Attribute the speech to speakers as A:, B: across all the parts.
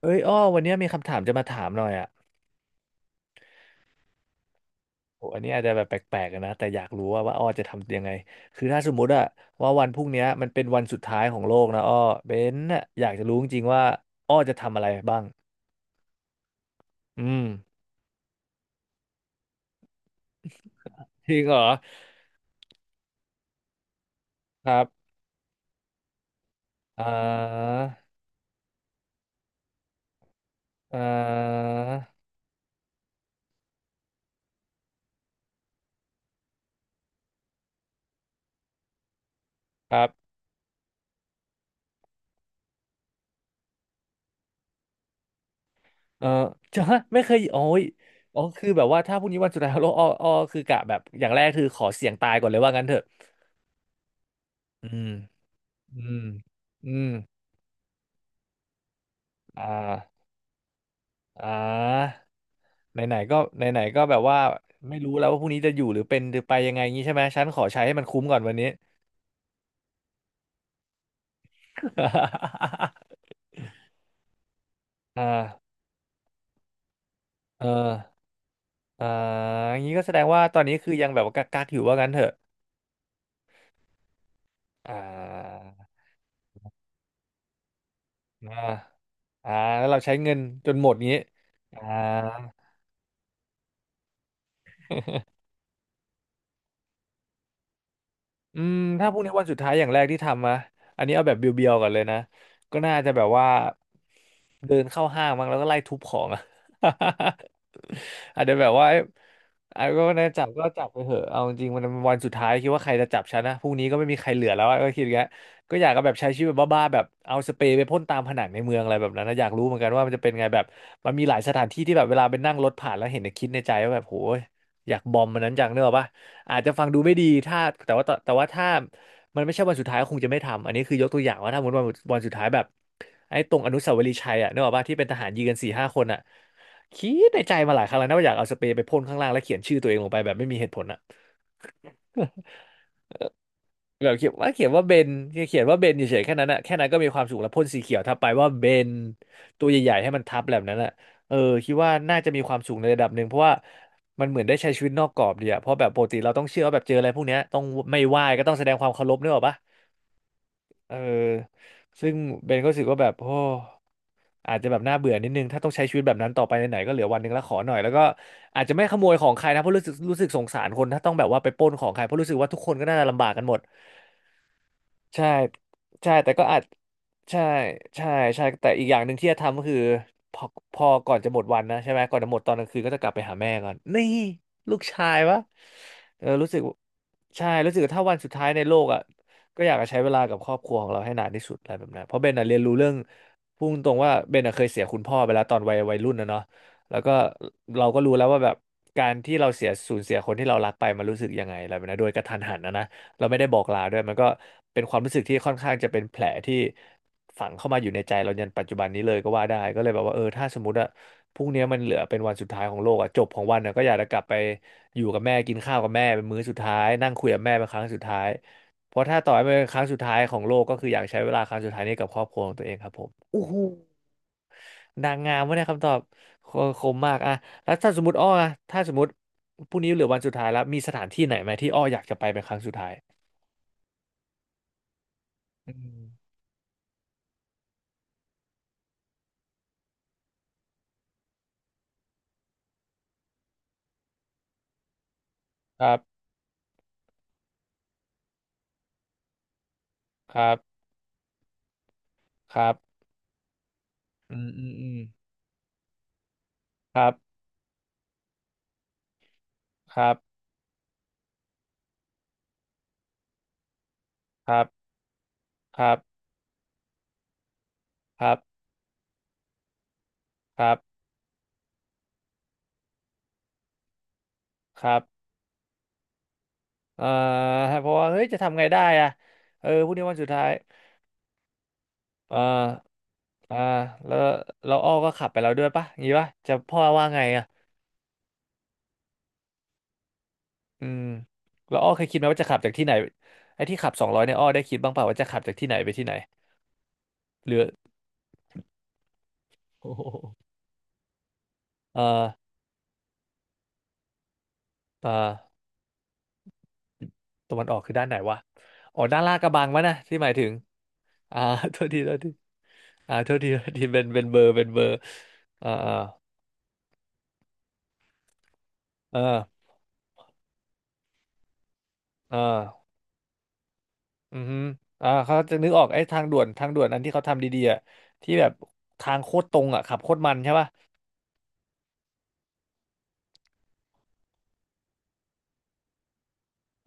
A: เอ้ยอ้อวันเนี้ยมีคำถามจะมาถามหน่อยอ่ะโหอันนี้อาจจะแบบแปลกๆอะนะแต่อยากรู้ว่าอ้อจะทำยังไงคือถ้าสมมุติอะว่าวันพรุ่งเนี้ยมันเป็นวันสุดท้ายของโลกนะอ้อเบนน่ะอยากจะรู้จริงๆว่าอ้อจะทำอะไรบ้างอืมจริงเหรอครับอ่าอ่าครับเออจะฮะไม่เคยโอ้ยอ๋อคือแบบว่าถ้าพรุ่งนี้วันสุดท้ายของโลกอ้อคือกะแบบอย่างแรกคือขอเสี่ยงตายก่อนเลยว่างั้นเถอะอืมอืมอืมอ่าอ่า ไหนๆก็ไหนๆก็แบบว่าไม่รู้แล้วว่าพรุ่งนี้จะอยู่หรือเป็นหรือไปยังไงงี้ใช่ไหมฉันขอใช้ให้มันคุ้มก่อนวันนี้ อ่าเอออ่าอย่างนี้ก็แสดงว่าตอนนี้คือยังแบบว่ากักๆอยู่ว่างั้นเถอะอ่าอ่าอ่าแล้วเราใช้เงินจนหมดงี้อ่า อืมถ้าพรุ่งนี้วันสุดท้ายอย่างแรกที่ทำนะอันนี้เอาแบบเบียวๆก่อนเลยนะก็น่าจะแบบว่าเดินเข้าห้างมั้งแล้วก็ไล่ทุบของอะ อาจจะแบบว่าไอ้ก็นะจับก็จับไปเถอะเอาจริงๆมันเป็นวันสุดท้ายคิดว่าใครจะจับฉันนะพรุ่งนี้ก็ไม่มีใครเหลือแล้วอะก็คิดอย่างเงี้ยก็อยากก็แบบใช้ชีวิตแบบบ้าๆแบบเอาสเปรย์ไปพ่นตามผนังในเมืองอะไรแบบนั้นนะอยากรู้เหมือนกันว่ามันจะเป็นไงแบบมันมีหลายสถานที่ที่แบบเวลาไปนั่งรถผ่านแล้วเห็นนะคิดในใจว่าแบบโหยอยากบอมมันนั้นจังเนกอะปะ อาจจะฟังดูไม่ดีถ้าแต่ว่าถ้ามันไม่ใช่วันสุดท้ายก็คงจะไม่ทำอันนี้คือยกตัวอย่างว่าถ้าสมมติวันสุดท้ายแบบไอ้ตรงอนุสาวรีย์ชัยอ่ะนึกออกป่ะที่เป็นทหารยืงกันสี่ห้าคนอ่ะคิดในใจมาหลายครั้งแล้วนะว่าอยากเอาสเปรย์ไปพ่นข้างล่างแล้วเขียนชื่อตัวเองลงไปแบบไม่มีเหตุผลอ่ะ แบบเขียนว่าเบนเขียนว่าเบนเฉยๆแค่นั้นอะแค่นั้นก็มีความสุขแล้วพ่นสีเขียวทับไปว่าเบนตัวใหญ่ๆให้มันทับแบบนั้นอะเออคิดว่าน่าจะมีความสุขในระดับหนึ่งเพราะว่ามันเหมือนได้ใช้ชีวิตนอกกรอบดีอะเพราะแบบปกติเราต้องเชื่อว่าแบบเจออะไรพวกเนี้ยต้องไม่ไหว้ก็ต้องแสดงความเคารพนึกออกปะเออซึ่งเบนก็รู้สึกว่าแบบโอ้อาจจะแบบน่าเบื่อนิดนึงถ้าต้องใช้ชีวิตแบบนั้นต่อไปไหนๆก็เหลือวันหนึ่งแล้วขอหน่อยแล้วก็อาจจะไม่ขโมยของใครนะเพราะรู้สึกสงสารคนถ้าต้องแบบว่าไปปล้นของใครเพราะรู้สึกว่าทุกคนก็น่าจะลำบากกันหมด ใช่ใช่แต่ก็อาจใช่ใช่ใช่แต่อีกอย่างหนึ่งที่จะทำก็คือพอพอก่อนจะหมดวันนะใช่ไหมก่อนจะหมดตอนกลางคืนก็จะกลับไปหาแม่ก่อนนี่ลูกชายวะเออรู้สึกใช่รู้สึกว่าถ้าวันสุดท้ายในโลกอ่ะก็อยากจะใช้เวลากับครอบครัวของเราให้นานที่สุดอะไรแบบนั้นเพราะเบนอะเรียนรู้เรื่องพูดตรงว่าเบนอะเคยเสียคุณพ่อไปแล้วตอนวัยรุ่นนะเนาะแล้วก็เราก็รู้แล้วว่าแบบการที่เราเสียสูญเสียคนที่เรารักไปมันรู้สึกยังไงอะไรแบบนั้นโดยกระทันหันนะ เราไม่ได้บอกลาด้วย มันก็เป็นความรู้สึกที่ค่อนข้างจะเป็นแผลที่ฝังเข้ามาอยู่ในใจเรายันปัจจุบันนี้เลยก็ว่าได้ก็เลยแบบว่าเออถ้าสมมติอะพรุ่งนี้มันเหลือเป็นวันสุดท้ายของโลกอะจบของวันอะก็อยากจะกลับไปอยู่กับแม่กินข้าวกับแม่เป็นมื้อสุดท้ายนั่งคุยกับแม่เป็นครั้งสุดท้ายเพราะถ้าต่อให้เป็นครั้งสุดท้ายของโลกก็คืออยากใช้เวลาครั้งสุดท้ายนี้กับครอบครัวของตัวเองครับผมโอ้โหนางงามวะเนี่ยคำตอบคคมมากอะแล้วถ้าสมมติอ้ออะถ้าสมมติพรุ่งนี้เหลือวันสุดท้ายแล้วมีสถานที่ไหนไหมที่อ้ออยากจะไปเป็นครั้งสุดท้ายอืม ครับครับครับอืมอืมอืมครับครับครับครับครับครับครับเอ่อเพราะว่าเฮ้ยจะทำไงได้อะเออพรุ่งนี้วันสุดท้ายเอ่ออ่าแล้วอ้อก็ขับไปแล้วด้วยปะอย่างงี้ปะจะพ่อว่าไงอะอืมแล้วอ้อเคยคิดไหมว่าจะขับจากที่ไหนไอ้ที่ขับ200เนี่ยอ้อได้คิดบ้างเปล่าว่าจะขับจากที่ไหนไปที่ไหนหรือ โอ้โหเอ่อเอ่อตะวันออกคือด้านไหนวะอ๋อด้านลาดกระบังวะนะที่หมายถึงอ่า โทษทีโทษที อ่าโทษทีโทษทีเป็นเบอร์เป็นเบอร์อ่าอ่าอ่าอ่าอือฮึอ่าเขาจะนึกออกไอ้ทางด่วนอันที่เขาทำดีๆอ่ะที่แบบทางโคตรตรงอ่ะขับโคตรมันใช่ป่ะ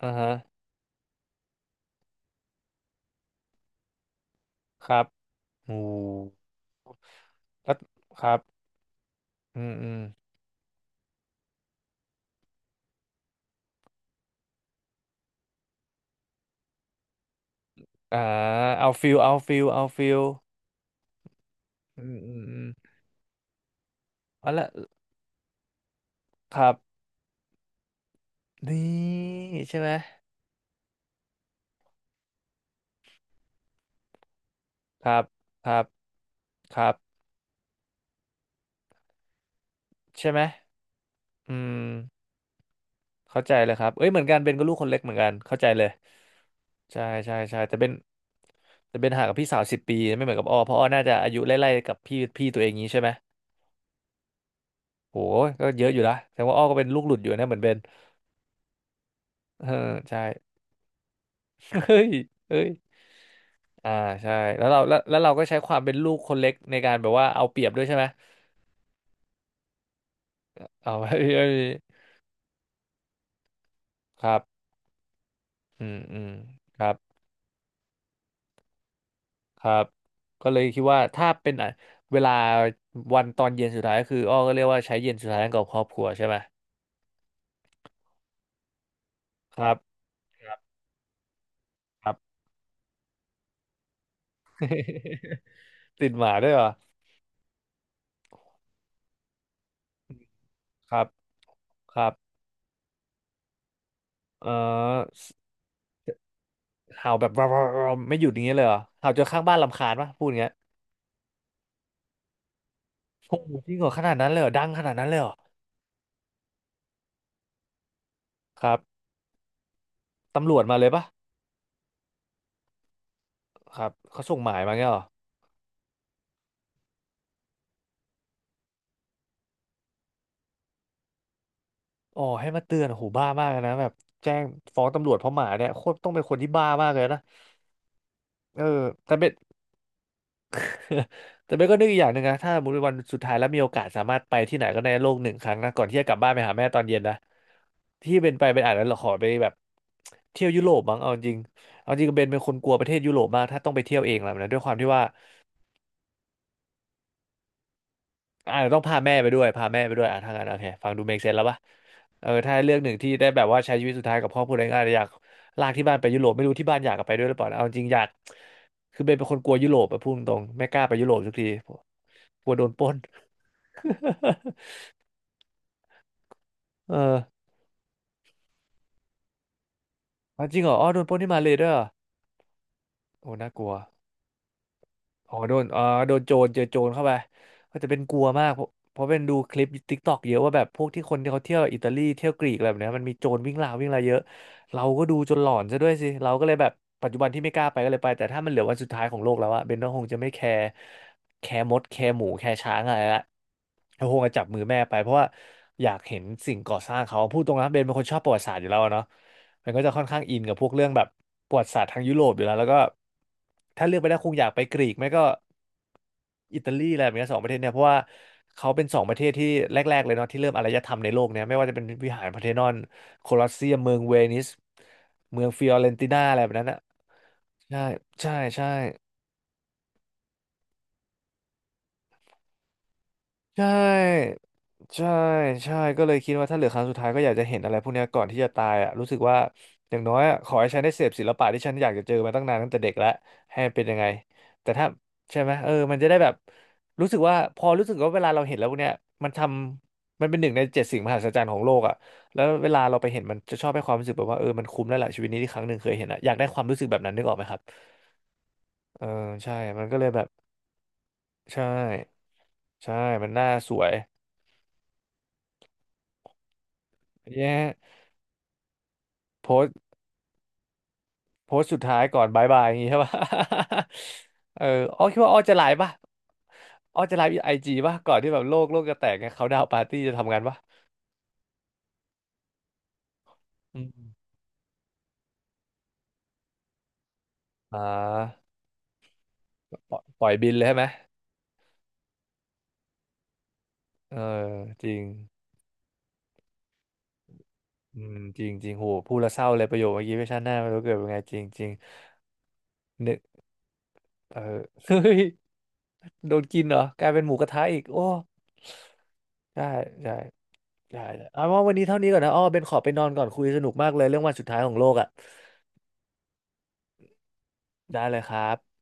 A: อ่าฮะครับโอ้แล้วครับอืมอืมอ่าเอาฟิลเอาฟิลเอาฟิลอืมอืมอืมอ๋อและครับนี่ใช่ไหมครับครับครับใช่ไหมอืม เข้าใจเลยครับเอ้ยเหมือนกันเบนก็ลูกคนเล็กเหมือนกันเข้าใจเลยใช่ใช่ใช่แต่เบนแต่เบนห่างกับพี่สาว10 ปีไม่เหมือนกับอ้อเพราะอ้อน่าจะอายุไล่ๆกับพี่ตัวเองงี้ใช่ไหมโหก็เยอะอยู่ละแต่ว่าอ้อก็เป็นลูกหลุดอยู่นะเหมือนเบนเออใช่ เฮ้ยเฮ้ยอ่าใช่แล้วเราแล้วเราก็ใช้ความเป็นลูกคนเล็กในการแบบว่าเอาเปรียบด้วยใช่ไหมเอา เอ้ยครับอืมอืมครับ ครับก็เลยคิดว่าถ้าเป็นอ่ะเวลาวันตอนเย็นสุดท้ายก็คืออ้อก็เรียกว่าใช้เย็นสุดท้ายกับครอบครัวใช่ไหมครับครับครับ ติดหมาด้วยเหรอครับครับเออเห่าแบบ ไม่หยุดอย่างเงี้ยเลยเหรอเห่าจนข้างบ้านรำคาญปะพูดอย่างเงี้ยโอ้โหจริงเหรอขนาดนั้นเลยเหรอดังขนาดนั้นเลยเหรอครับตำรวจมาเลยปะครับเขาส่งหมายมาเงี้ยเหรออ๋อให้มาเตือนโ้หบ้ามากเลยนะแบบแจ้งฟ้องตำรวจเพราะหมาเนี่ยโคตรต้องเป็นคนที่บ้ามากเลยนะเออแต่เป็น แต่เบนก็นึกอีกอย่างหนึ่งนะถ้าสมมติวันสุดท้ายแล้วมีโอกาสสามารถไปที่ไหนก็ในโลกหนึ่งครั้งนะก่อนที่จะกลับบ้านไปหาแม่ตอนเย็นนะที่เป็นไปเป็นอาจจะขอไปแบบเที่ยวยุโรปบ้างเอาจริงเอาจริงเบนเป็นคนกลัวประเทศยุโรปมากถ้าต้องไปเที่ยวเองแหละนะด้วยความที่ว่าอาจจะต้องพาแม่ไปด้วยพาแม่ไปด้วยอ่ะทางนั้นโอเคฟังดูเมคเซนแล้วปะเออถ้าให้เลือกหนึ่งที่ได้แบบว่าใช้ชีวิตสุดท้ายกับครอบครัวเองอาจจะอยากลากที่บ้านไปยุโรปไม่รู้ที่บ้านอยากกลับไปด้วยหรือเปล่านะเอาจริงอยากคือเบนเป็นคนกลัวยุโรปอะพูดตรงๆไม่กล้าไปยุโรปสักที กลัวโดนปล้น เอออ๋อจริงเหรออ๋อโดนปล้นที่มาเลยด้วยเหรอโอ้น่ากลัวอ๋อโดนอ๋อโดนโจรเจอโจรเข้าไปก็จะเป็นกลัวมากเพราะเป็นดูคลิปติ๊กตอกเยอะว่าแบบพวกที่คนที่เขาเที่ยวอิตาลีเที่ยวกรีกอะไรแบบเนี้ยมันมีโจรวิ่งราววิ่งอะไรเยอะเราก็ดูจนหลอนซะด้วยสิเราก็เลยแบบปัจจุบันที่ไม่กล้าไปก็เลยไปแต่ถ้ามันเหลือวันสุดท้ายของโลกแล้วอะเบนก็คงจะไม่แคร์แคร์มดแคร์หมูแคร์ช้างอะไรละก็คงจะจับมือแม่ไปเพราะว่าอยากเห็นสิ่งก่อสร้างเขาพูดตรงนะเบนเป็นคนชอบประวัติศาสตร์อยู่แล้วอะเนาะ มันก็จะค่อนข้างอินกับพวกเรื่องแบบประวัติศาสตร์ทางยุโรปอยู่แล้วแล้วก็ถ้าเลือกไปได้คงอยากไปกรีกไม่ก็อิตาลีอะไรแบบเนี้ยสองประเทศเนี่ยเพราะว่าเขาเป็นสองประเทศที่แรกๆเลยเนาะที่เริ่มอารยธรรมในโลกเนี่ยไม่ว่าจะเป็นวิหารพาร์เธนอนโคลอสเซียมเมืองเวนิสเมืองฟิออเรนตินาอะไรแบบนั้นอ่ะใช่ใช่ใช่ ใช่ใช่ใช่ก็เลยคิดว่าถ้าเหลือครั้งสุดท้ายก็อยากจะเห็นอะไรพวกเนี้ยก่อนที่จะตายอ่ะรู้สึกว่าอย่างน้อยอะขอให้ฉันได้เสพศิลปะที่ฉันอยากจะเจอมาตั้งนานตั้งแต่เด็กแล้วให้มันเป็นยังไงแต่ถ้าใช่ไหมเออมันจะได้แบบรู้สึกว่าพอรู้สึกว่าเวลาเราเห็นแล้วพวกเนี้ยมันทำมันเป็น1 ใน 7สิ่งมหัศจรรย์ของโลกอ่ะแล้วเวลาเราไปเห็นมันจะชอบให้ความรู้สึกแบบว่าเออมันคุ้มแล้วแหละชีวิตนี้ที่ครั้งหนึ่งเคยเห็นอ่ะอยากได้ความรู้สึกแบบนั้นนึกออกไหมครับเออใช่มันก็เลยแบบใช่ใช่มันน่าสวยเย้โพส โพสต์สุดท้ายก่อนบายบายอย่างงี้ใช่ปะ เอออ้อคิดว่าอ้อจะไลฟ์ป่ะอ้อจะไลฟ์ไอจีป่ะก่อนที่แบบโลกจะแตกไงเขาดาวปาร์ตี้จะทำงานปะอืมอ่าปล่อยบินเลยใช่ไหมเออจริงอืมจริงจริงโหพูดแล้วเศร้าเลยประโยคเมื่อกี้ไม่ชาติหน้าไม่รู้เกิดเป็นไงจริงจริงนึกเออ เฮ้ยโดนกินเหรอกลายเป็นหมูกระทะอีกโอ้ใช่ใช่ใช่เลยเอาว่าวันนี้เท่านี้ก่อนนะอ้อเบนขอไปนอนก่อนคุยสนุกมากเลยเรื่องวันสุดท้ายของโลกอ่ะได้เลยครับ